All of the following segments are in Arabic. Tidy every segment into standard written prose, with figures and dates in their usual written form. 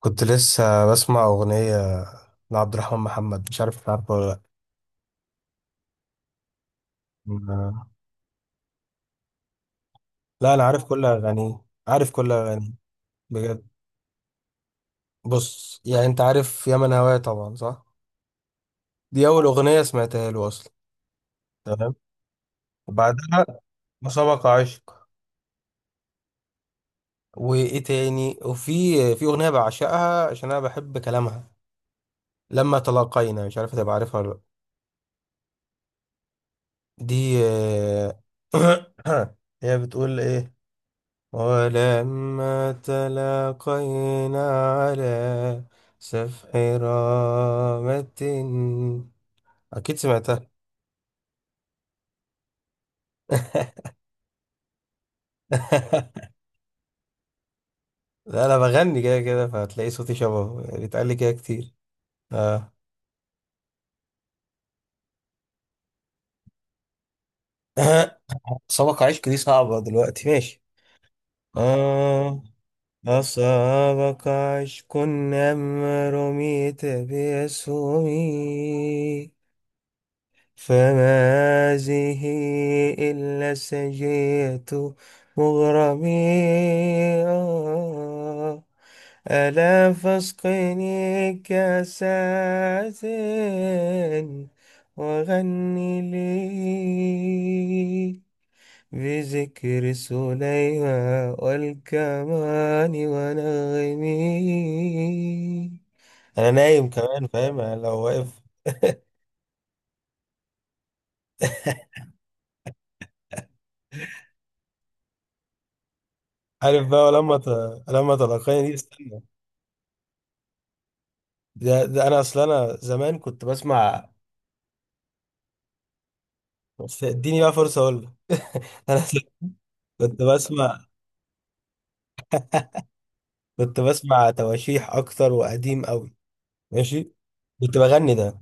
كنت لسه بسمع أغنية لعبد الرحمن محمد، مش عارف عارفه ولا لأ. لا، أنا عارف كل أغانيه. عارف كل أغانيه. بجد. بص، يعني أنت عارف يا من هواه طبعا، صح؟ دي أول أغنية سمعتها له أصلا. تمام. بعدها مسابقة عشق. وإيه تاني؟ في أغنية بعشقها عشان أنا بحب كلامها. لما تلاقينا، مش عارف هتبقى عارفها ولا لأ. دي هي بتقول إيه؟ ولما تلاقينا على سفح رامة، أكيد سمعتها. لا، أنا بغني كده كده، فهتلاقي صوتي شبهه، بيتقال لي كده كتير. آه. سبق عشق دي صعبة دلوقتي، ماشي. آه. أصابك عشق أم رميت بأسهمي، فما هذه إلا سجية مغرمي. آه. ألا فاسقني كاسات وغني لي، بذكر سليمان والكمان ونغمي. أنا نايم كمان فاهم، أنا لو واقف. عارف بقى، لما تلقاني دي، استنى. ده انا اصل، انا زمان كنت بسمع. بس اديني بقى فرصه اقول لك. انا أصل كنت بسمع كنت بسمع تواشيح اكتر وقديم قوي. ماشي. كنت بغني ده،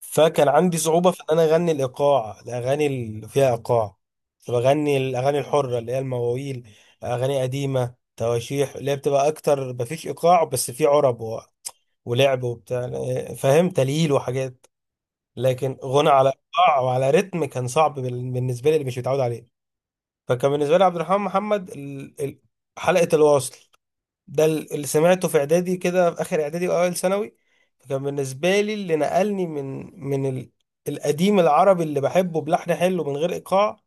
فكان عندي صعوبه في ان انا اغني الايقاع، الاغاني اللي فيها ايقاع. كنت بغني الاغاني الحره اللي هي المواويل، اغاني قديمه، تواشيح، اللي هي بتبقى اكتر مفيش ايقاع، بس في عرب ولعب وبتاع، فاهم، تليل وحاجات. لكن غنى على ايقاع وعلى رتم كان صعب بالنسبه لي، اللي مش متعود عليه. فكان بالنسبه لي عبد الرحمن محمد حلقه الواصل. ده اللي سمعته في اعدادي، كده في اخر اعدادي واوائل ثانوي. فكان بالنسبه لي اللي نقلني من القديم العربي اللي بحبه، بلحن حلو من غير ايقاع،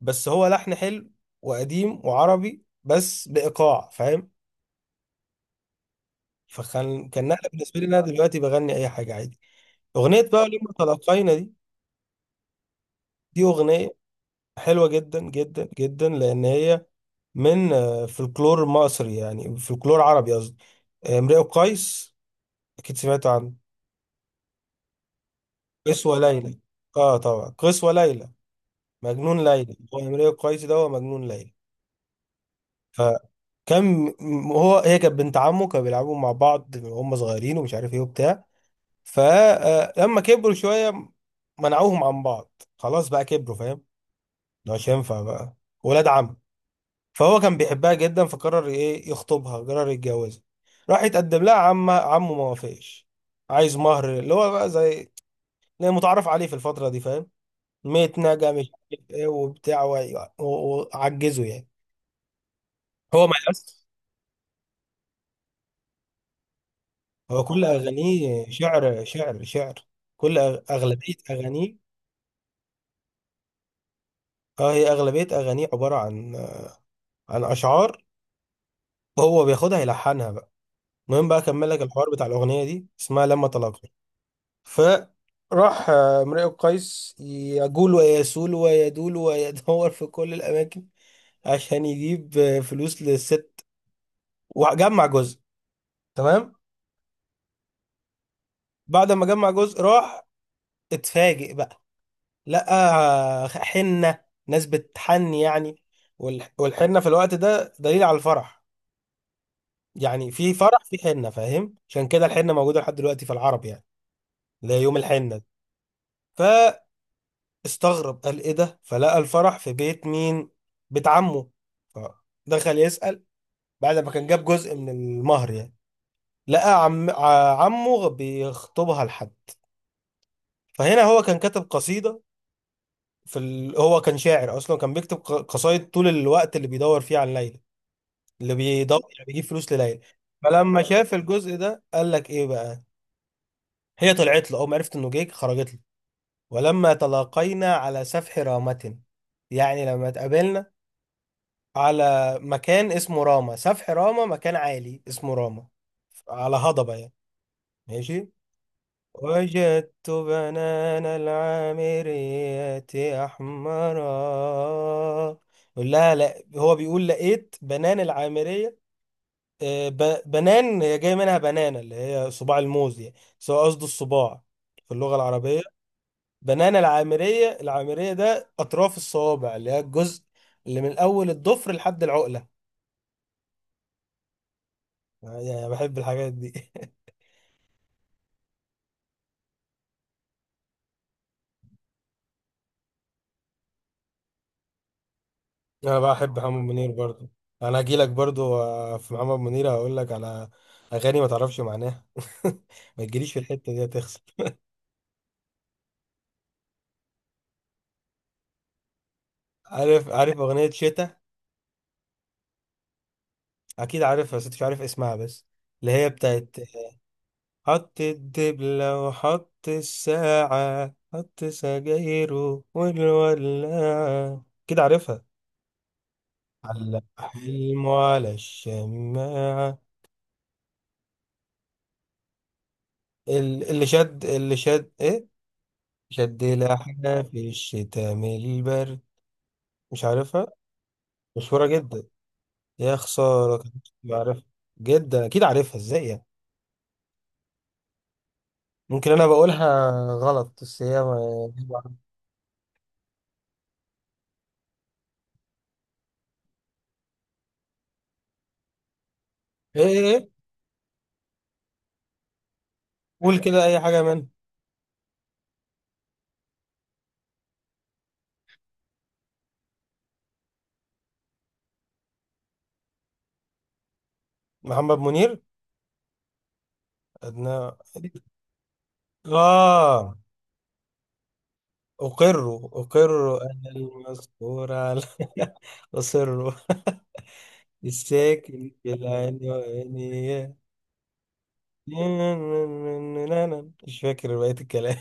بس هو لحن حلو، وقديم وعربي بس بايقاع فاهم. فكان نقله بالنسبه لي، إن انا دلوقتي بغني اي حاجه عادي. اغنيه بقى لما تلاقينا دي، دي اغنيه حلوة جدا جدا جدا، لأن هي من فلكلور مصري، يعني فلكلور عربي قصدي. امرئ القيس أكيد سمعت عنه. قيس وليلى. آه طبعا قيس وليلى، مجنون ليلى هو امرئ القيس، ده هو مجنون ليلى. فكان م- هو هي كانت بنت عمه، كانوا بيلعبوا مع بعض وهم صغيرين، ومش عارف ايه وبتاع. فلما كبروا شوية منعوهم عن بعض، خلاص بقى كبروا فاهم، ده مش هينفع بقى، ولاد عم. فهو كان بيحبها جدا، فقرر ايه، يخطبها، قرر يتجوزها. راح يتقدم لها، عمه ما وافقش. عايز مهر، اللي هو بقى زي اللي متعرف عليه في الفترة دي فاهم، متنجة مش عارف ايه وبتاع وعجزه يعني. هو ما يأس. هو كل أغانيه شعر. أغلبية أغانيه. اه، هي أغلبية أغانيه عبارة عن، عن أشعار. هو بياخدها يلحنها بقى. المهم بقى أكمل لك الحوار بتاع الأغنية دي، اسمها لما طلقت. فراح امرئ قيس يجول ويسول ويدول ويدور في كل الأماكن عشان يجيب فلوس للست، وجمع جزء. تمام. بعد ما جمع جزء راح، اتفاجئ بقى، لقى حنة، ناس بتحني يعني. والحنة في الوقت ده دليل على الفرح، يعني في فرح في حنة فاهم، عشان كده الحنة موجودة لحد دلوقتي في العرب، يعني اللي هي يوم الحنة. استغرب، قال ايه ده؟ فلقى الفرح في بيت مين؟ بيت عمه. فدخل يسأل، بعد ما كان جاب جزء من المهر يعني. لقى عم عمه بيخطبها لحد. فهنا هو كان كاتب قصيدة في هو كان شاعر اصلا، كان بيكتب قصايد طول الوقت اللي بيدور فيه عن ليلى، اللي بيدور يعني بيجيب فلوس لليلى. فلما شاف الجزء ده قال لك ايه بقى. هي طلعت له اول ما عرفت انه جيك، خرجت له، ولما تلاقينا على سفح رامة، يعني لما اتقابلنا على مكان اسمه راما، سفح راما مكان عالي اسمه راما، على هضبة يعني. ماشي. وجدت بنان العامرية أحمرا. يقول لها، لا، هو بيقول لقيت بنان العامرية. بنان هي جاي منها بنانة، اللي هي صباع الموز يعني، بس هو قصده الصباع في اللغة العربية. بنان العامرية، العامرية ده أطراف الصوابع، اللي هي الجزء اللي من أول الضفر لحد العقلة. يعني بحب الحاجات دي. انا بحب محمد منير برضو. انا هجي لك برضو، في محمد منير هقول لك على اغاني ما تعرفش معناها. ما تجيليش في الحته دي هتخسر. عارف؟ عارف اغنيه شتا؟ اكيد عارفها بس أنت مش عارف اسمها بس، اللي هي بتاعت حط الدبله وحط الساعه، حط سجايره والولاعه، كده عارفها؟ علق حلمه على الشماعه. اللي شد، اللي شد ايه شد لحنا في الشتاء من البرد. مش عارفها؟ مشهورة جدا. يا خسارة كنت بعرفها. جدا. أكيد عارفها إزاي يعني. ممكن أنا بقولها غلط، بس هي إيه إيه إيه. قول كده أي حاجة من محمد منير. أدنى. آه. أقر أنا المذكور على. أصر الساكن في العنوانية. مش فاكر بقية الكلام.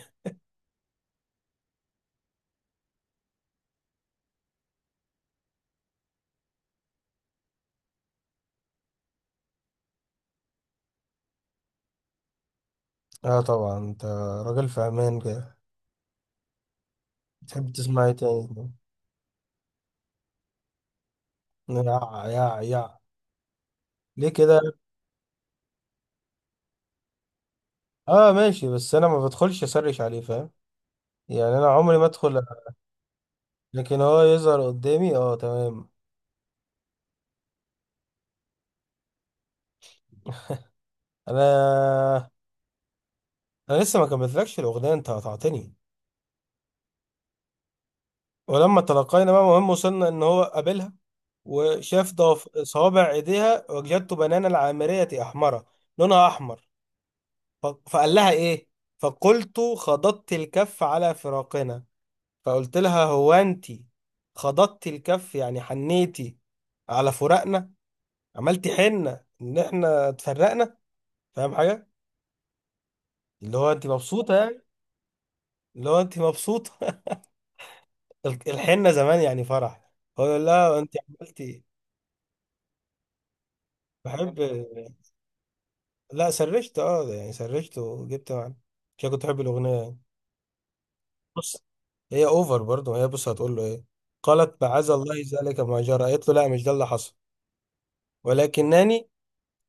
اه طبعا، انت راجل في امان كده. بتحب تسمع ايه تاني؟ يا يا يا ليه كده. اه ماشي، بس انا ما بدخلش اسرش عليه فاهم، يعني انا عمري ما ادخل. لكن هو يظهر قدامي اه تمام. انا انا لسه ما كملتلكش الاغنيه انت قطعتني. ولما تلقينا بقى، مهم وصلنا ان هو قابلها، وشاف صوابع ايديها، وجدت بنانا العامرية احمرة، لونها احمر. فقال لها ايه. فقلت خضضت الكف على فراقنا. فقلت لها هو انتي خضضتي الكف، يعني حنيتي على فراقنا، عملتي حنة ان احنا اتفرقنا. فاهم حاجة؟ اللي هو انتي مبسوطة يعني. اللي هو انتي مبسوطة. الحنة زمان يعني فرح. هو يقول لها انتي عملتي. بحب. لا سرشت، اه يعني سرشت وجبت معنا عشان كنت بحب الاغنية يعني. بص، هي اوفر برضه. هي بص هتقول له ايه. قالت معاذ الله ذلك ما جرى، قالت له لا مش ده اللي حصل، ولكنني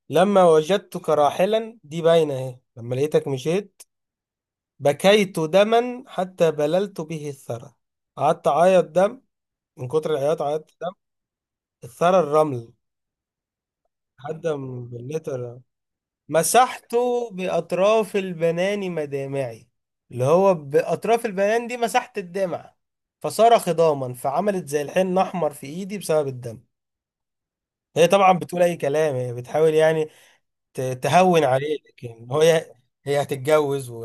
لما وجدتك راحلا، دي باينة اهي، لما لقيتك مشيت بكيت دما حتى بللت به الثرى. قعدت أعيط دم، من كتر العياط عيطت دم. الثرى الرمل، لحد ما بليت الرمل. مسحته بأطراف البنان مدامعي، اللي هو بأطراف البنان دي مسحت الدمع. فصار خضاما، فعملت زي الحين أحمر في إيدي بسبب الدم. هي طبعا بتقول أي كلام، هي بتحاول يعني تهون عليه، لكن هو هي هتتجوز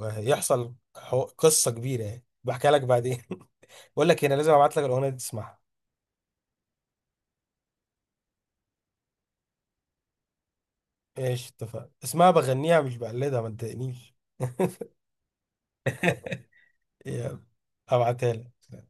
وهيحصل قصة كبيرة يعني، بحكي لك بعدين. بقول لك إيه، انا لازم ابعت لك الاغنية دي تسمعها. ايش اتفق اسمها بغنيها مش بقلدها ما تضايقنيش. يلا ابعتها لك